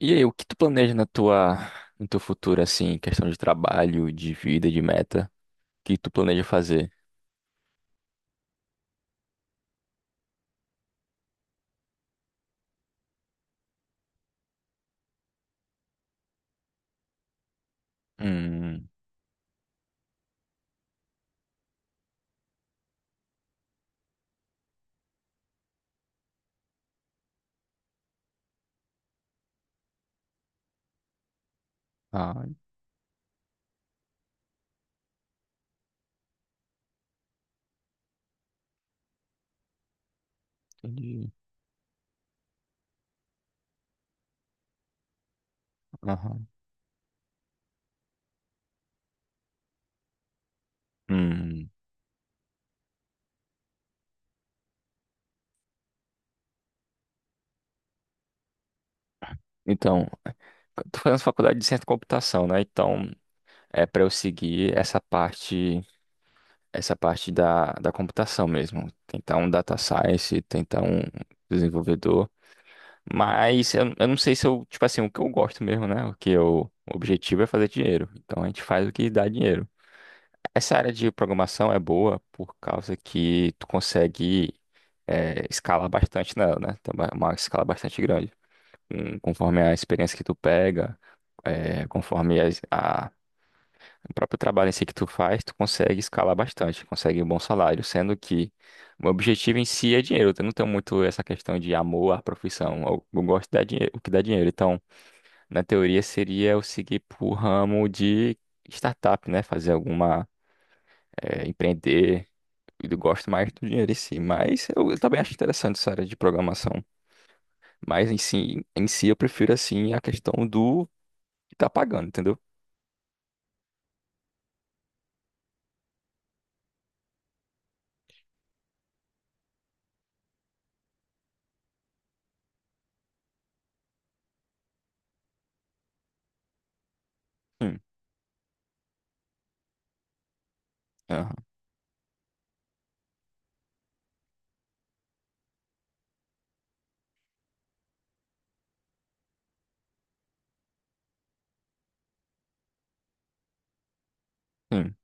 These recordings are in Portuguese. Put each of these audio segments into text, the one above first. E aí, o que tu planeja na tua, no teu futuro, assim, questão de trabalho, de vida, de meta? O que tu planeja fazer? Hum, ah, entendi. Aham. Hum, então, eu tô fazendo faculdade de ciência da computação, né? Então, é para eu seguir essa parte da computação mesmo. Tentar um data science, tentar um desenvolvedor. Mas eu não sei se eu, tipo assim, o que eu gosto mesmo, né? O objetivo é fazer dinheiro. Então, a gente faz o que dá dinheiro. Essa área de programação é boa por causa que tu consegue escalar bastante nela, né? Tem uma escala bastante grande. Conforme a experiência que tu pega, conforme o próprio trabalho em si que tu faz, tu consegue escalar bastante, consegue um bom salário, sendo que o meu objetivo em si é dinheiro. Eu não tenho muito essa questão de amor à profissão. Eu gosto de dar dinheiro, o que dá dinheiro. Então, na teoria, seria eu seguir pro ramo de startup, né? Fazer alguma empreender e eu gosto mais do dinheiro em si, mas eu também acho interessante essa área de programação. Mas em si eu prefiro assim a questão do que tá pagando, entendeu? Sim, aham, sim,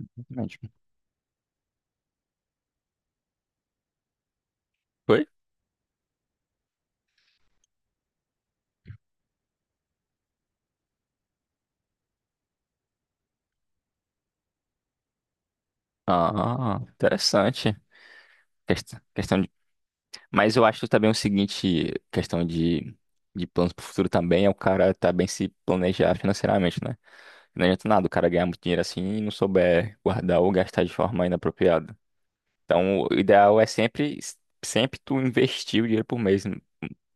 exatamente. Foi? Ah, interessante. Quest- Questão de... Mas eu acho também o seguinte, questão de planos pro futuro também é o cara também se planejar financeiramente, né? Não adianta nada o cara ganhar muito dinheiro assim e não souber guardar ou gastar de forma inapropriada. Então, o ideal é sempre tu investir o dinheiro por mês.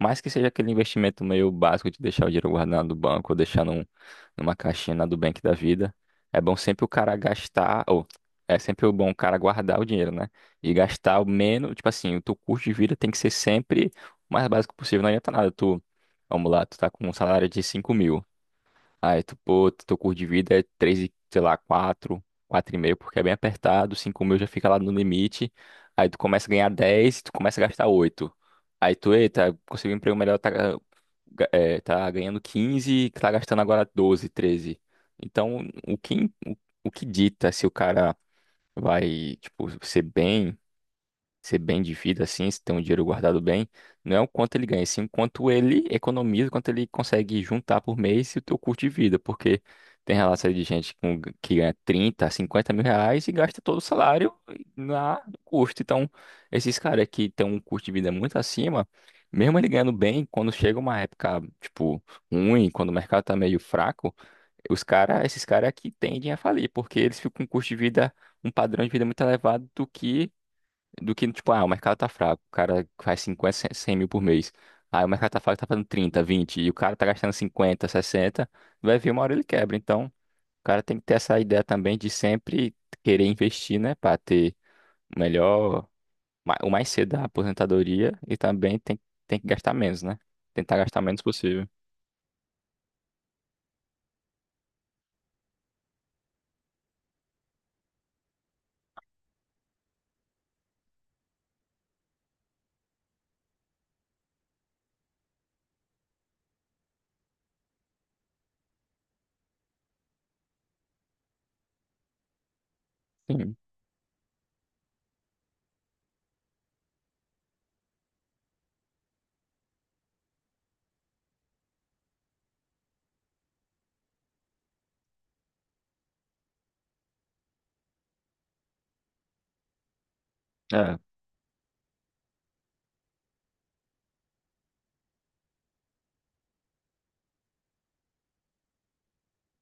Mais que seja aquele investimento meio básico de deixar o dinheiro guardado no banco ou deixar num, numa caixinha na Nubank da vida. É bom sempre o cara gastar, ou é sempre bom o cara guardar o dinheiro, né? E gastar o menos, tipo assim, o teu custo de vida tem que ser sempre o mais básico possível. Não adianta nada tu, vamos lá, tu tá com um salário de 5 mil. Aí tu, pô, teu curso de vida é 3, e, sei lá, quatro quatro e meio porque é bem apertado, 5 mil já fica lá no limite. Aí tu começa a ganhar 10 e tu começa a gastar oito. Aí tu, eita, conseguiu um emprego melhor, tá, tá ganhando 15 e tá gastando agora 12 treze. Então, o que, im- o, o que dita se o cara vai, tipo, ser bem de vida assim, se tem um dinheiro guardado bem, não é o quanto ele ganha, sim o quanto ele economiza, quanto ele consegue juntar por mês e o teu custo de vida, porque tem relação de gente que ganha 30, 50 mil reais e gasta todo o salário na no custo. Então, esses caras que têm um custo de vida muito acima, mesmo ele ganhando bem, quando chega uma época, tipo, ruim, quando o mercado tá meio fraco, esses caras que tendem a falir, porque eles ficam com um custo de vida um padrão de vida muito elevado do que, tipo, ah, o mercado tá fraco, o cara faz 50 100 100 mil por mês. Aí o mercado tá fraco, tá fazendo 30 20 e o cara tá gastando 50 sessenta. Vai vir uma hora ele quebra. Então, o cara tem que ter essa ideia também de sempre querer investir, né, pra ter o melhor, o mais cedo da aposentadoria e também tem que gastar menos, né? Tentar gastar menos possível. Sim, é,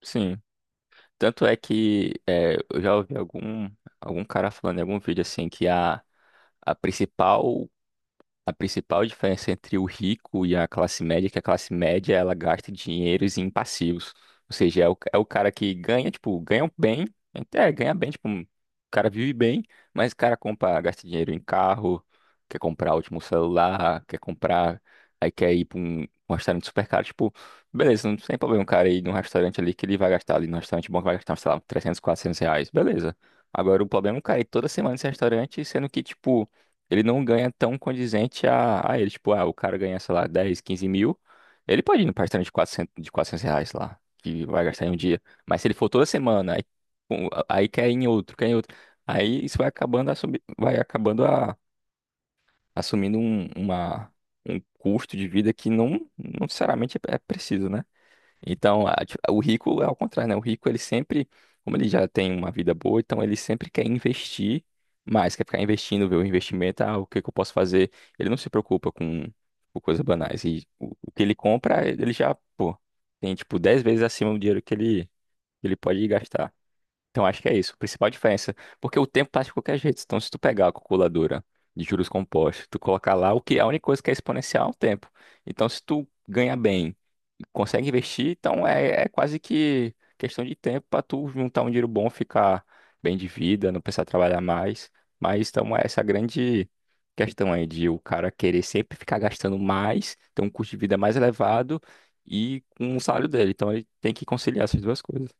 sim. Tanto é que eu já ouvi algum cara falando em algum vídeo assim que a principal A principal diferença entre o rico e a classe média é que a classe média ela gasta dinheiros em passivos. Ou seja, é o cara que ganha, tipo, ganha bem, até ganha bem, tipo, o cara vive bem, mas o cara compra, gasta dinheiro em carro, quer comprar o último celular, quer comprar, aí quer ir para um restaurante super caro, tipo, beleza, não tem problema o cara ir num restaurante ali que ele vai gastar ali, num restaurante bom que vai gastar, sei lá, 300 400 reais, beleza. Agora o problema é o cara ir toda semana nesse restaurante, sendo que, tipo, ele não ganha tão condizente a ele. Tipo, ah, o cara ganha, sei lá, 10, 15 mil. Ele pode ir no palestrante de quatrocentos reais lá, que vai gastar em um dia. Mas se ele for toda semana, aí, um, aí quer ir em outro, quer ir em outro. Aí isso vai acabando, vai acabando a, assumindo um custo de vida que não necessariamente é preciso, né? Então, tipo, o rico é ao contrário, né? O rico, ele sempre, como ele já tem uma vida boa, então ele sempre quer investir mais, quer ficar investindo, ver o investimento, ah, o que que eu posso fazer? Ele não se preocupa com coisas banais. E o que ele compra, ele já, pô, tem tipo 10 vezes acima do dinheiro que que ele pode gastar. Então, acho que é isso, a principal diferença. Porque o tempo passa de qualquer jeito. Então, se tu pegar a calculadora de juros compostos, tu colocar lá, o que a única coisa que é exponencial é o tempo. Então, se tu ganha bem, consegue investir, então é quase que questão de tempo para tu juntar um dinheiro bom, ficar bem de vida, não precisar trabalhar mais. Mas, então, é essa grande questão aí de o cara querer sempre ficar gastando mais, ter um custo de vida mais elevado e com o salário dele. Então, ele tem que conciliar essas duas coisas.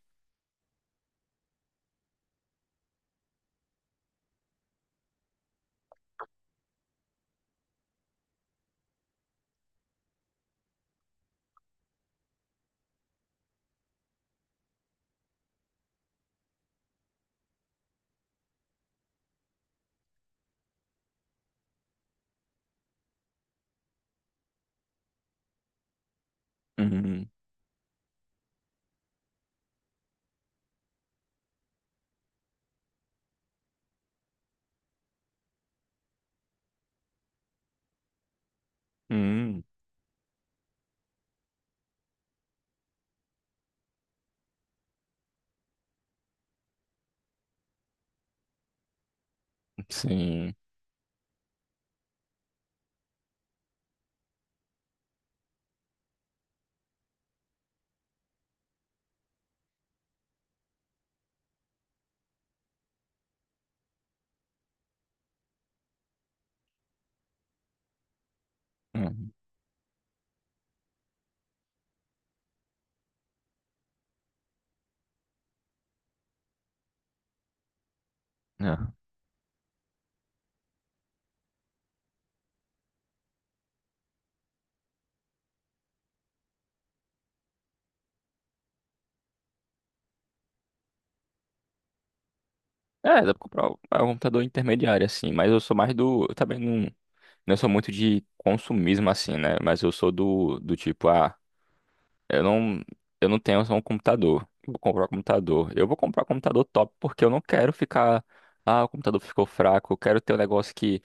Uhum. Uhum. Sim. Uhum. É, é, dá pra comprar um computador intermediário, assim, mas eu sou mais do. Eu também não sou muito de consumismo, assim, né? Mas eu sou do tipo, ah, eu não, eu não tenho só um computador. Eu vou comprar um computador. Eu vou comprar um computador top porque eu não quero ficar. Ah, o computador ficou fraco. Eu quero ter um negócio que.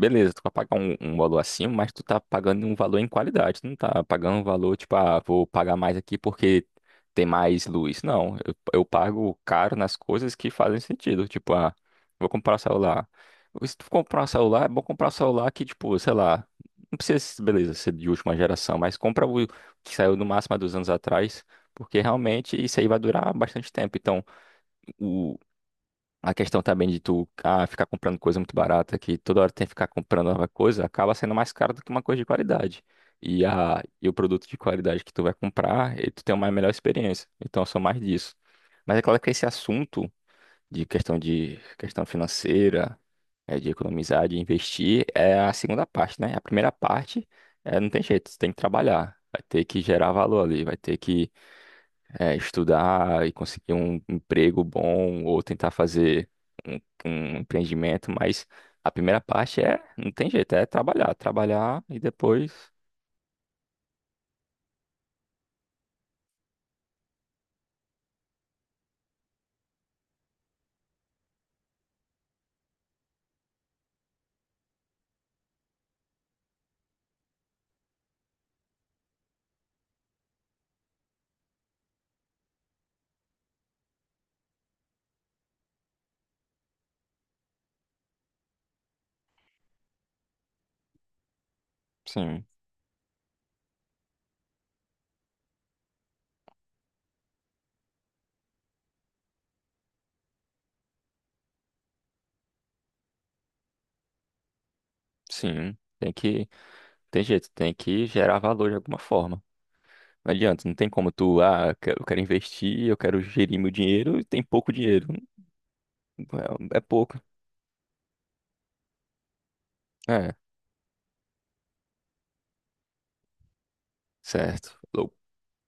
Beleza, tu vai pagar um valor acima, mas tu tá pagando um valor em qualidade. Tu não tá pagando um valor, tipo, ah, vou pagar mais aqui porque tem mais luz. Não, eu pago caro nas coisas que fazem sentido. Tipo, ah, vou comprar um celular. Se tu comprar um celular, é bom comprar um celular que, tipo, sei lá, não precisa, beleza, ser de última geração, mas compra o que saiu no máximo há 2 anos atrás, porque realmente isso aí vai durar bastante tempo. Então, a questão também de tu ah, ficar comprando coisa muito barata, que toda hora tem que ficar comprando nova coisa, acaba sendo mais caro do que uma coisa de qualidade. E o produto de qualidade que tu vai comprar, e tu tem uma melhor experiência. Então, eu sou mais disso. Mas é claro que esse assunto de questão financeira, de economizar, de investir, é a segunda parte, né? A primeira parte é, não tem jeito, você tem que trabalhar, vai ter que gerar valor ali, vai ter que estudar e conseguir um emprego bom ou tentar fazer um, um empreendimento, mas a primeira parte é, não tem jeito, é trabalhar, trabalhar e depois, sim, sim, tem que, tem jeito, tem que gerar valor de alguma forma. Não adianta, não tem como tu, ah, eu quero investir, eu quero gerir meu dinheiro e tem pouco dinheiro. É, é pouco. É, certo.